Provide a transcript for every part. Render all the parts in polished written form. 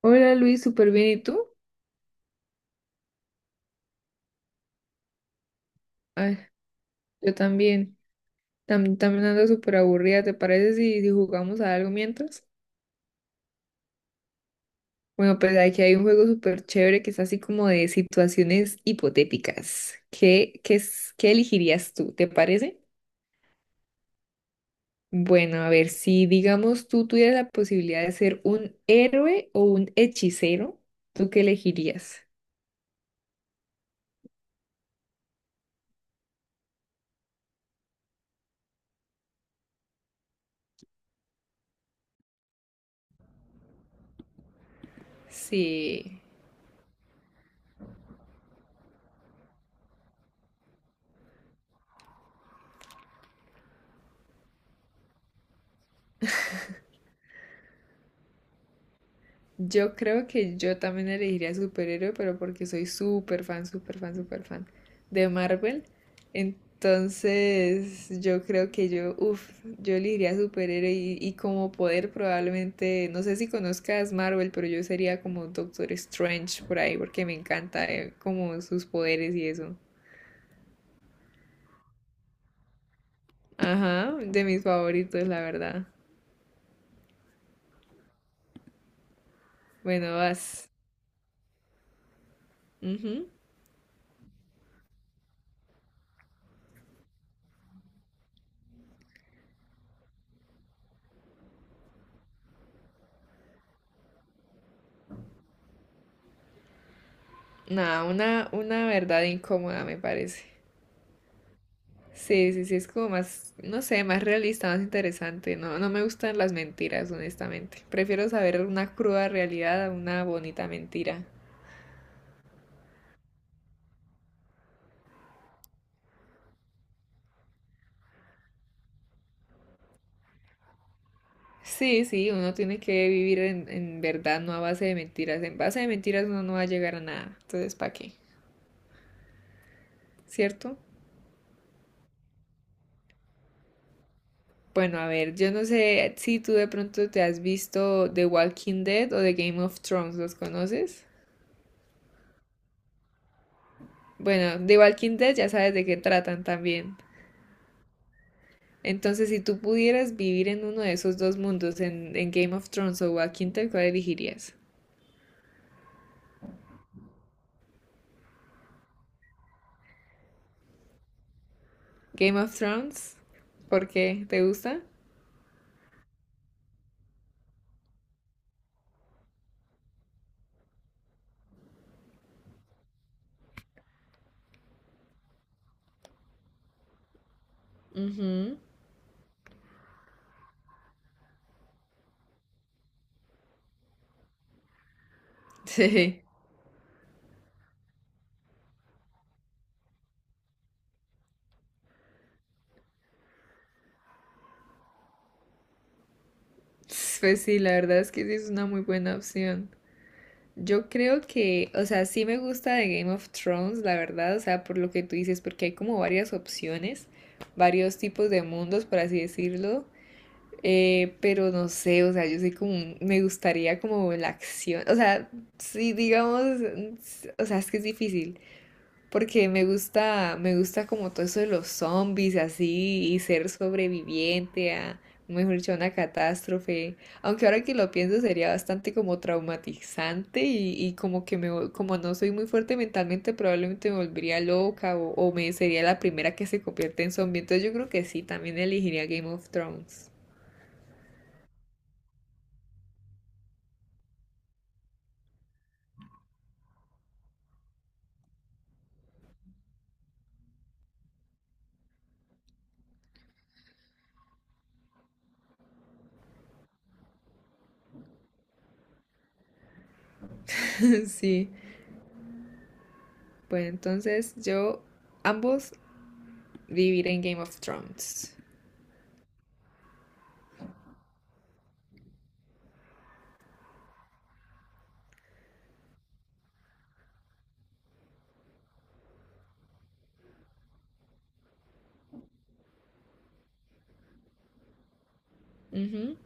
Hola Luis, súper bien. ¿Y tú? Ay, yo también. También ando súper aburrida. ¿Te parece si jugamos a algo mientras? Bueno, pues aquí hay un juego súper chévere que es así como de situaciones hipotéticas. ¿Qué elegirías tú? ¿Te parece? Bueno, a ver, si digamos tú tuvieras la posibilidad de ser un héroe o un hechicero, ¿tú qué elegirías? Sí. Yo creo que yo también elegiría superhéroe, pero porque soy súper fan, súper fan, súper fan de Marvel. Entonces, yo creo que yo, uff, yo elegiría superhéroe y como poder probablemente, no sé si conozcas Marvel, pero yo sería como Doctor Strange por ahí, porque me encanta como sus poderes y eso. Ajá, de mis favoritos, la verdad. Bueno, vas. Ujú. Nada, una verdad incómoda, me parece. Sí, sí, sí, es como más, no sé, más realista, más interesante. No, no me gustan las mentiras, honestamente. Prefiero saber una cruda realidad a una bonita mentira. Sí, sí, uno tiene que vivir en verdad, no a base de mentiras. En base de mentiras uno no va a llegar a nada. Entonces, ¿para qué? ¿Cierto? Bueno, a ver, yo no sé si tú de pronto te has visto The Walking Dead o The Game of Thrones, ¿los conoces? Bueno, The Walking Dead ya sabes de qué tratan también. Entonces, si tú pudieras vivir en uno de esos dos mundos, en Game of Thrones o Walking Dead, ¿cuál elegirías? Game of Thrones, ¿por qué? ¿Te gusta? Ujú. Sí. Pues sí, la verdad es que sí es una muy buena opción. Yo creo que, o sea, sí me gusta de Game of Thrones, la verdad, o sea, por lo que tú dices, porque hay como varias opciones, varios tipos de mundos, por así decirlo. Pero no sé, o sea, yo soy como, me gustaría como la acción, o sea, sí, digamos, o sea, es que es difícil, porque me gusta como todo eso de los zombies, así, y ser sobreviviente a, mejor dicho, a una catástrofe, aunque ahora que lo pienso sería bastante como traumatizante y como que me, como no soy muy fuerte mentalmente, probablemente me volvería loca o me sería la primera que se convierte en zombie, entonces yo creo que sí, también elegiría Game of Thrones. Sí. Bueno, entonces yo ambos viviré en Game of Thrones. Ujú.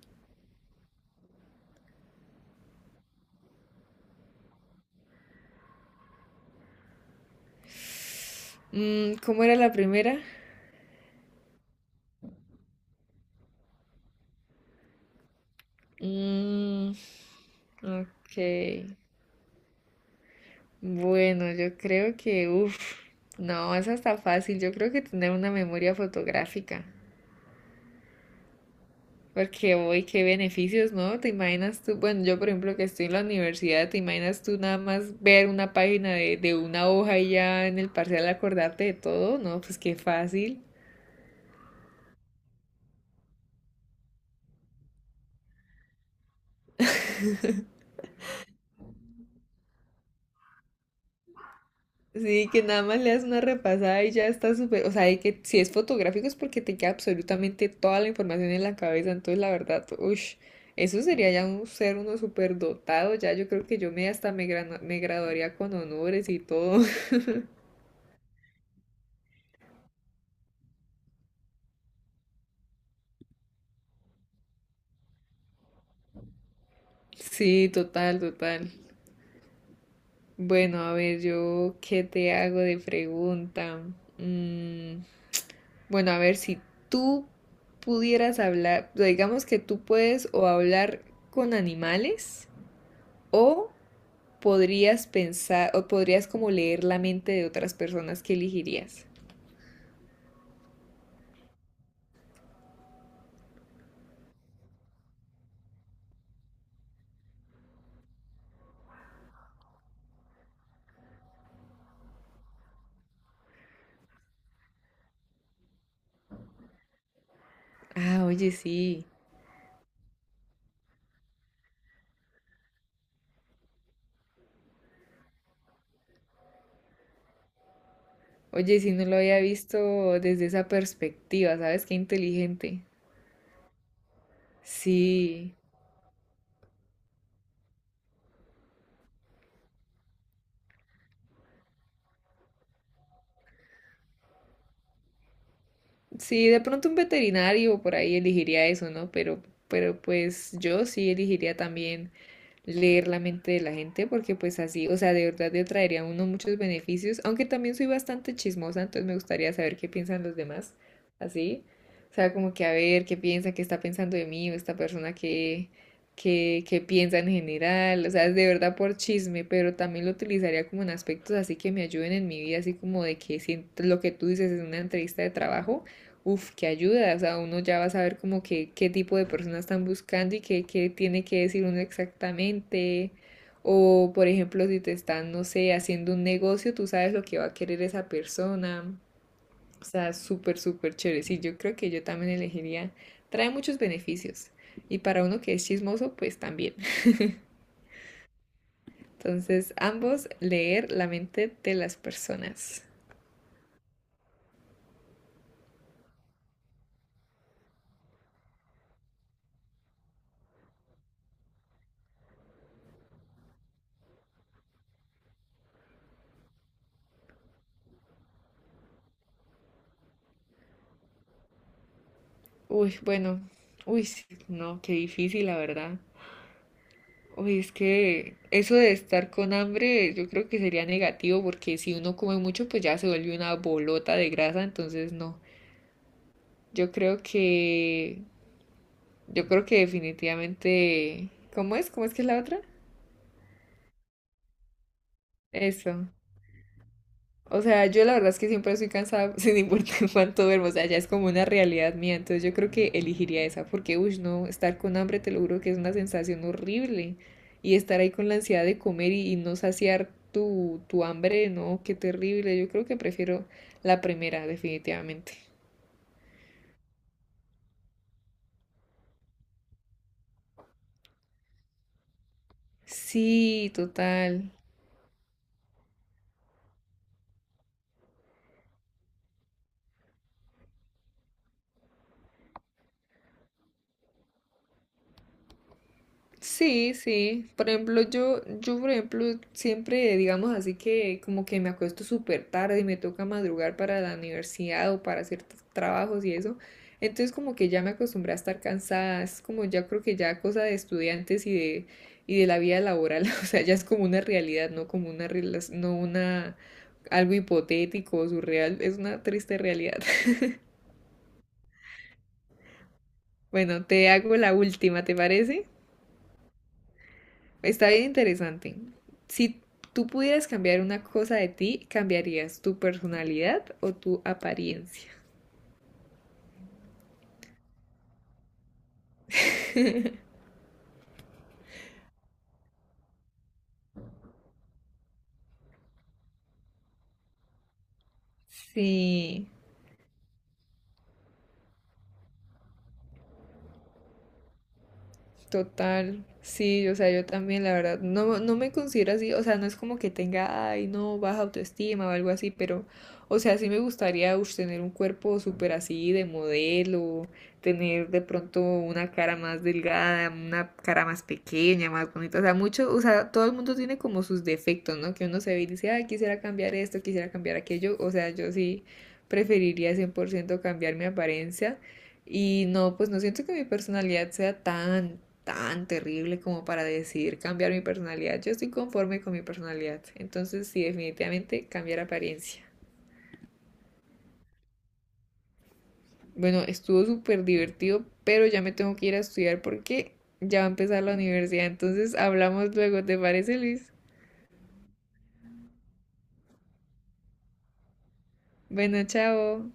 Mm, ¿cómo era la primera? Mm, ok. Bueno, yo creo que, uff, no, esa está fácil. Yo creo que tener una memoria fotográfica. Porque hoy, qué beneficios, ¿no? ¿Te imaginas tú? Bueno, yo por ejemplo que estoy en la universidad, ¿te imaginas tú nada más ver una página de una hoja y ya en el parcial acordarte de todo? No, pues qué fácil. Sí, que nada más le das una repasada y ya está súper, o sea, de que si es fotográfico es porque te queda absolutamente toda la información en la cabeza, entonces la verdad, uff, eso sería ya un ser uno súper dotado, ya yo creo que yo me hasta me, me graduaría con honores y todo. Sí, total, total. Bueno, a ver, yo, ¿qué te hago de pregunta? Mm, bueno, a ver, si tú pudieras hablar, digamos que tú puedes o hablar con animales o podrías pensar o podrías como leer la mente de otras personas que elegirías. Ah, oye, sí. Oye, sí, no lo había visto desde esa perspectiva, ¿sabes? Qué inteligente. Sí. Sí, de pronto un veterinario por ahí elegiría eso, ¿no? Pero pues yo sí elegiría también leer la mente de la gente, porque pues así, o sea, de verdad le traería a uno muchos beneficios, aunque también soy bastante chismosa, entonces me gustaría saber qué piensan los demás, así, o sea, como que a ver qué piensa, qué está pensando de mí, o esta persona qué piensa en general, o sea, es de verdad por chisme, pero también lo utilizaría como en aspectos así que me ayuden en mi vida, así como de que si lo que tú dices es una entrevista de trabajo, Uf, qué ayuda, o sea, uno ya va a saber como que qué tipo de personas están buscando qué tiene que decir uno exactamente. O, por ejemplo, si te están, no sé, haciendo un negocio, tú sabes lo que va a querer esa persona. O sea, súper, súper chévere. Sí, yo creo que yo también elegiría. Trae muchos beneficios. Y para uno que es chismoso, pues también. Entonces, ambos, leer la mente de las personas. Uy, bueno, uy, sí, no, qué difícil, la verdad. Uy, es que eso de estar con hambre yo creo que sería negativo porque si uno come mucho pues ya se vuelve una bolota de grasa, entonces no. Yo creo que yo creo que definitivamente ¿cómo es? ¿Cómo es que es la otra? Eso. O sea, yo la verdad es que siempre estoy cansada sin importar cuánto duermo, o sea, ya es como una realidad mía, entonces yo creo que elegiría esa, porque, uy, no, estar con hambre te lo juro que es una sensación horrible, y estar ahí con la ansiedad de comer y no saciar tu hambre, no, qué terrible, yo creo que prefiero la primera, definitivamente. Sí, total. Sí, sí. Por ejemplo, por ejemplo, siempre, digamos así que como que me acuesto súper tarde y me toca madrugar para la universidad o para hacer trabajos y eso. Entonces como que ya me acostumbré a estar cansada. Es como ya creo que ya cosa de estudiantes y de la vida laboral. O sea, ya es como una realidad, no como una, rela- no una, algo hipotético o surreal. Es una triste realidad. Bueno, te hago la última, ¿te parece? Está bien interesante. Si tú pudieras cambiar una cosa de ti, ¿cambiarías tu personalidad o tu apariencia? Sí. Total, sí, o sea, yo también, la verdad, no, no me considero así, o sea, no es como que tenga, ay, no, baja autoestima o algo así, pero, o sea, sí me gustaría ush, tener un cuerpo súper así de modelo, tener de pronto una cara más delgada, una cara más pequeña, más bonita, o sea, mucho, o sea, todo el mundo tiene como sus defectos, ¿no? Que uno se ve y dice, ay, quisiera cambiar esto, quisiera cambiar aquello, o sea, yo sí preferiría 100% cambiar mi apariencia. Y no, pues no siento que mi personalidad sea tan, tan terrible como para decidir cambiar mi personalidad. Yo estoy conforme con mi personalidad. Entonces, sí, definitivamente cambiar apariencia. Bueno, estuvo súper divertido, pero ya me tengo que ir a estudiar porque ya va a empezar la universidad. Entonces, hablamos luego, ¿te parece, Luis? Bueno, chao.